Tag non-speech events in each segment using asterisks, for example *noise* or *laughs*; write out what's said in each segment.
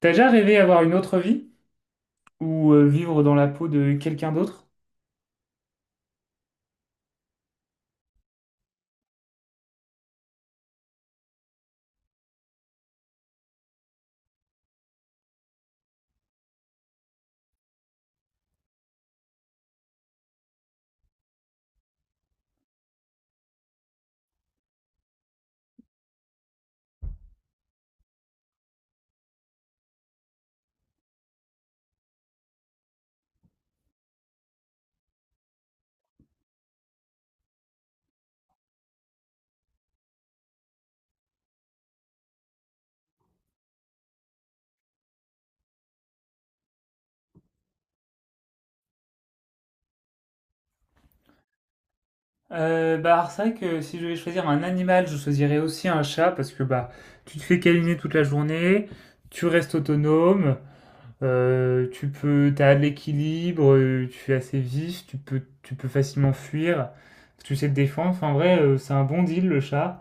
T'as déjà rêvé avoir une autre vie ou vivre dans la peau de quelqu'un d'autre? Alors, c'est vrai que si je devais choisir un animal, je choisirais aussi un chat parce que bah tu te fais câliner toute la journée, tu restes autonome, tu peux, t'as de l'équilibre, tu es assez vif, tu peux facilement fuir, tu sais te défendre. Enfin, en vrai, c'est un bon deal le chat.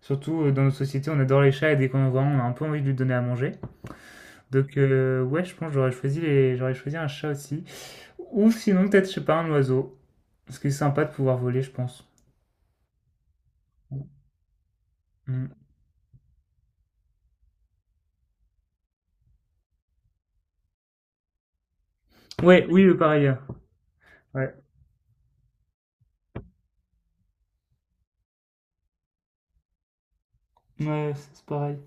Surtout dans nos sociétés, on adore les chats et dès qu'on en voit un, on a un peu envie de lui donner à manger. Donc ouais, je pense que j'aurais choisi un chat aussi. Ou sinon, peut-être, je sais pas, un oiseau. Parce que c'est sympa de pouvoir voler, je pense. Mm. Ouais, oui, le pareil. Ouais. Ouais, c'est pareil.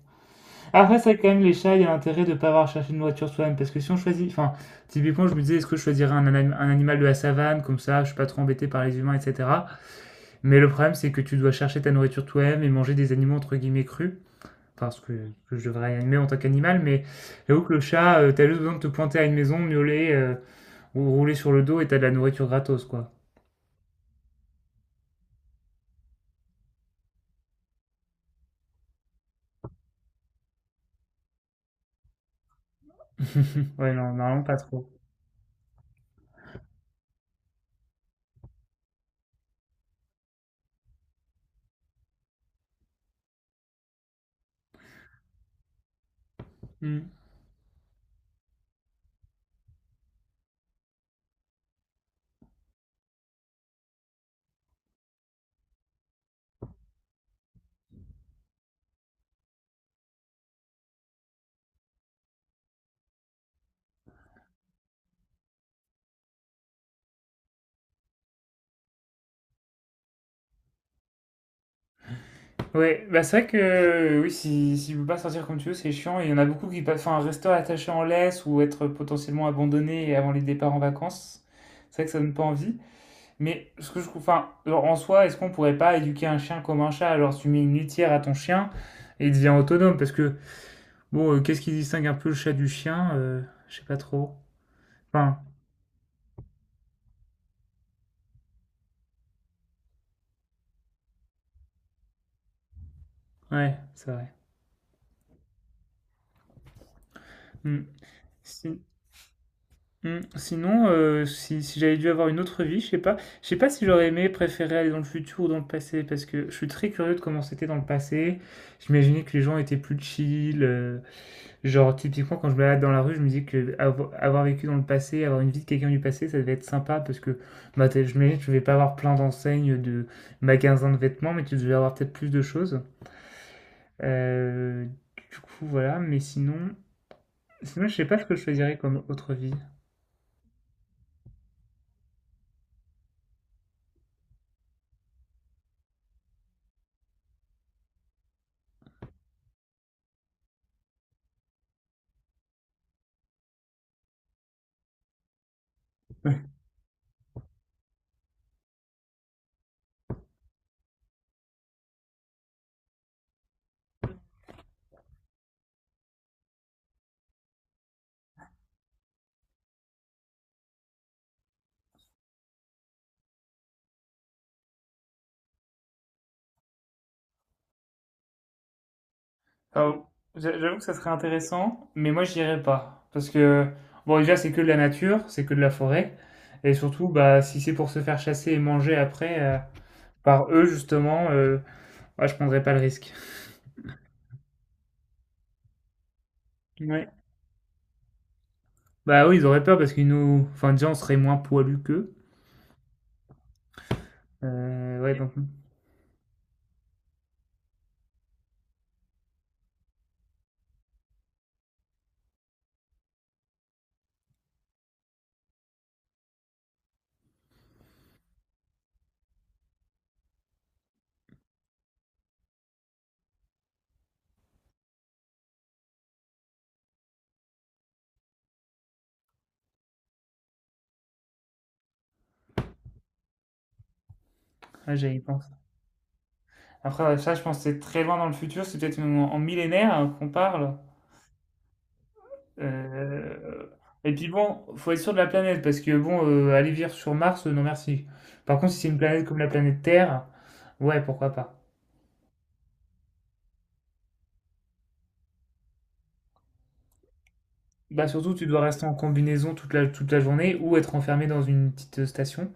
Après, ça, quand même, les chats, il y a l'intérêt de ne pas avoir cherché une voiture soi-même. Parce que si on choisit. Enfin, typiquement, je me disais, est-ce que je choisirais un animal de la savane, comme ça, je suis pas trop embêté par les humains, etc. Mais le problème, c'est que tu dois chercher ta nourriture toi-même et manger des animaux, entre guillemets, crus. Enfin, que je devrais aimer en tant qu'animal, mais j'avoue que le chat, tu t'as juste besoin de te pointer à une maison, miauler, ou rouler sur le dos et t'as de la nourriture gratos, quoi. *laughs* Ouais, non, normalement pas trop. Hmm. Ouais, bah c'est vrai que oui, si tu peux pas sortir comme tu veux, c'est chiant. Il y en a beaucoup qui passent enfin, rester attaché en laisse ou être potentiellement abandonné avant les départs en vacances. C'est vrai que ça donne pas envie. Mais ce que je trouve, enfin, genre, en soi, est-ce qu'on pourrait pas éduquer un chien comme un chat? Genre, tu mets une litière à ton chien et il devient autonome parce que bon, qu'est-ce qui distingue un peu le chat du chien? Je sais pas trop. Enfin, ouais, c'est vrai. Hmm. Si- Mm. Sinon, si, si j'avais dû avoir une autre vie, je sais pas si j'aurais aimé préférer aller dans le futur ou dans le passé, parce que je suis très curieux de comment c'était dans le passé. J'imaginais que les gens étaient plus chill, genre typiquement quand je me balade dans la rue, je me dis que avoir vécu dans le passé, avoir une vie de quelqu'un du passé, ça devait être sympa, parce que bah, je m'imagine que je vais pas avoir plein d'enseignes de magasins de vêtements, mais tu devais avoir peut-être plus de choses. Euh, voilà, mais sinon, sinon, je sais pas ce que je choisirais comme autre vie. Euh, J'avoue que ça serait intéressant, mais moi j'irais pas. Parce que, bon, déjà c'est que de la nature, c'est que de la forêt. Et surtout, bah, si c'est pour se faire chasser et manger après par eux, justement, bah, je prendrais pas le risque. Ouais. Bah oui, ils auraient peur parce qu'ils nous. Enfin, déjà, on serait moins poilus qu'eux. Ouais, donc, là, j'y pense. Après, ouais, ça, je pense que c'est très loin dans le futur, c'est peut-être en en millénaire hein, qu'on parle. Euh, Et puis bon, faut être sûr de la planète parce que bon, aller vivre sur Mars, non merci. Par contre, si c'est une planète comme la planète Terre, ouais, pourquoi pas. Bah surtout, tu dois rester en combinaison toute la journée ou être enfermé dans une petite station.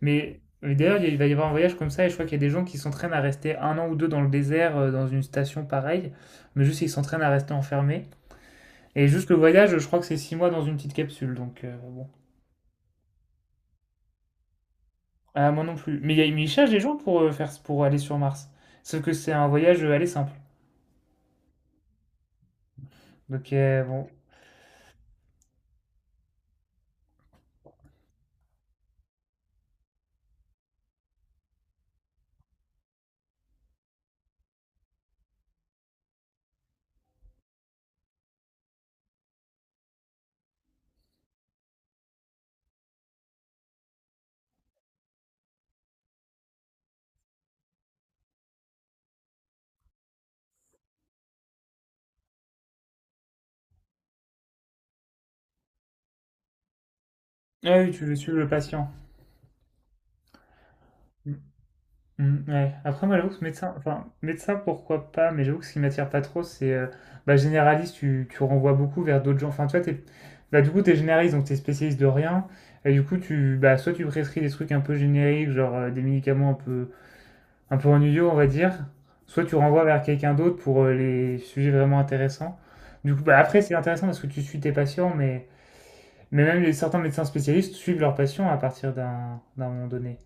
Mais d'ailleurs, il va y avoir un voyage comme ça et je crois qu'il y a des gens qui s'entraînent à rester un an ou deux dans le désert, dans une station pareille, mais juste ils s'entraînent à rester enfermés. Et juste le voyage, je crois que c'est six mois dans une petite capsule, donc bon. Ah, moi non plus. Mais, mais ils cherchent des gens pour, pour aller sur Mars. Sauf que c'est un voyage aller simple. Donc, bon. Ah oui, tu veux suivre le patient. Mm. Mm, ouais. Après, moi, j'avoue que médecin, pourquoi pas, mais j'avoue que ce qui m'attire pas trop, c'est bah, généraliste, tu renvoies beaucoup vers d'autres gens. Enfin, toi, t'es, bah, du coup, t'es généraliste, donc t'es spécialiste de rien. Et du coup, tu, bah, soit tu prescris des trucs un peu génériques, genre des médicaments un peu ennuyeux, on va dire. Soit tu renvoies vers quelqu'un d'autre pour les sujets vraiment intéressants. Du coup, bah, après, c'est intéressant parce que tu suis tes patients, mais même certains médecins spécialistes suivent leurs patients à partir d'un moment donné.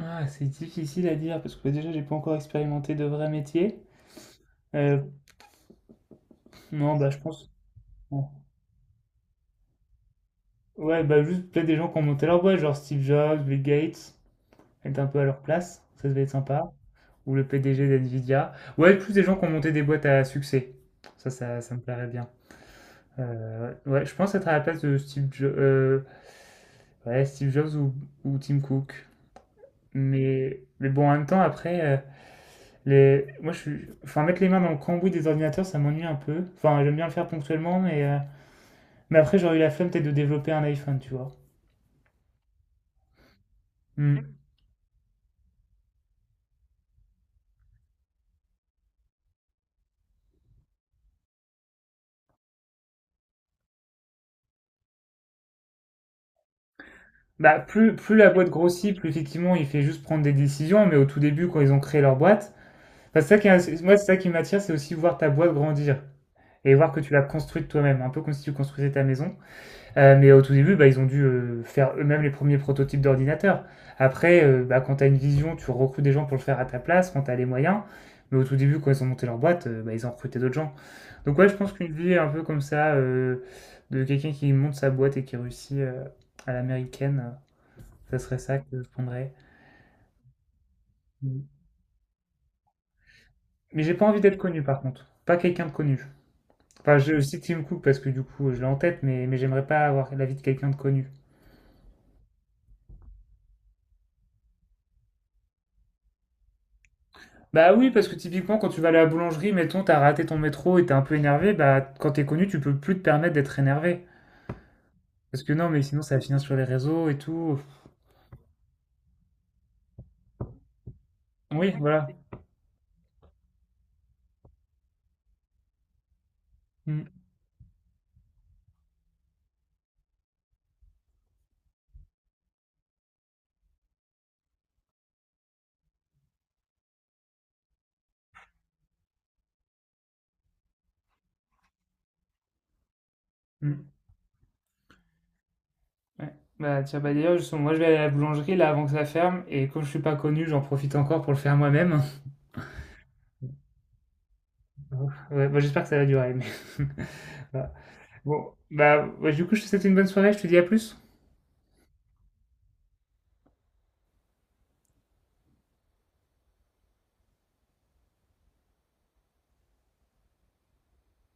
Ah, c'est difficile à dire parce que bah, déjà, j'ai pas encore expérimenté de vrai métier. Euh, non, bah, je pense. Bon. Ouais, bah, juste peut-être des gens qui ont monté leur boîte, genre Steve Jobs, Bill Gates, être un peu à leur place, ça devait être sympa. Ou le PDG d'NVIDIA. Ouais, plus des gens qui ont monté des boîtes à succès. Ça me plairait bien. Ouais, je pense être à la place de ouais, Steve Jobs ou Tim Cook. Mais bon, en même temps, après, moi, je suis... enfin, mettre les mains dans le cambouis des ordinateurs, ça m'ennuie un peu. Enfin, j'aime bien le faire ponctuellement, mais après, j'aurais eu la flemme peut-être de développer un iPhone, tu vois. Hmm. Bah, plus la boîte grossit, plus effectivement, il fait juste prendre des décisions, mais au tout début, quand ils ont créé leur boîte, enfin, c'est ça qui, est- moi, c'est ça qui m'attire, c'est aussi voir ta boîte grandir et voir que tu l'as construite toi-même, un peu comme si tu construisais ta maison. Mais au tout début, bah, ils ont dû faire eux-mêmes les premiers prototypes d'ordinateurs. Après, bah, quand tu as une vision, tu recrutes des gens pour le faire à ta place, quand tu as les moyens. Mais au tout début, quand ils ont monté leur boîte, bah, ils ont recruté d'autres gens. Donc ouais, je pense qu'une vie un peu comme ça, de quelqu'un qui monte sa boîte et qui réussit à l'américaine, ça serait ça que je prendrais. Mais j'ai pas envie d'être connu par contre. Pas quelqu'un de connu. Enfin, je cite Tim Cook parce que du coup, je l'ai en tête, mais j'aimerais pas avoir la vie de quelqu'un de connu. Bah oui, parce que typiquement, quand tu vas à la boulangerie, mettons, t'as raté ton métro et t'es un peu énervé, bah quand t'es connu, tu peux plus te permettre d'être énervé. Parce que non, mais sinon, ça va finir sur les réseaux et tout. Oui, voilà. Mm, mm, ouais. Bah tiens, bah d'ailleurs, justement, moi je vais aller à la boulangerie là avant que ça ferme, et comme je suis pas connu, j'en profite encore pour le faire moi-même. *laughs* Ouais, bah, j'espère que ça va durer, mais... *laughs* voilà. Bon, bah ouais, du coup, je te souhaite une bonne soirée, je te dis à plus.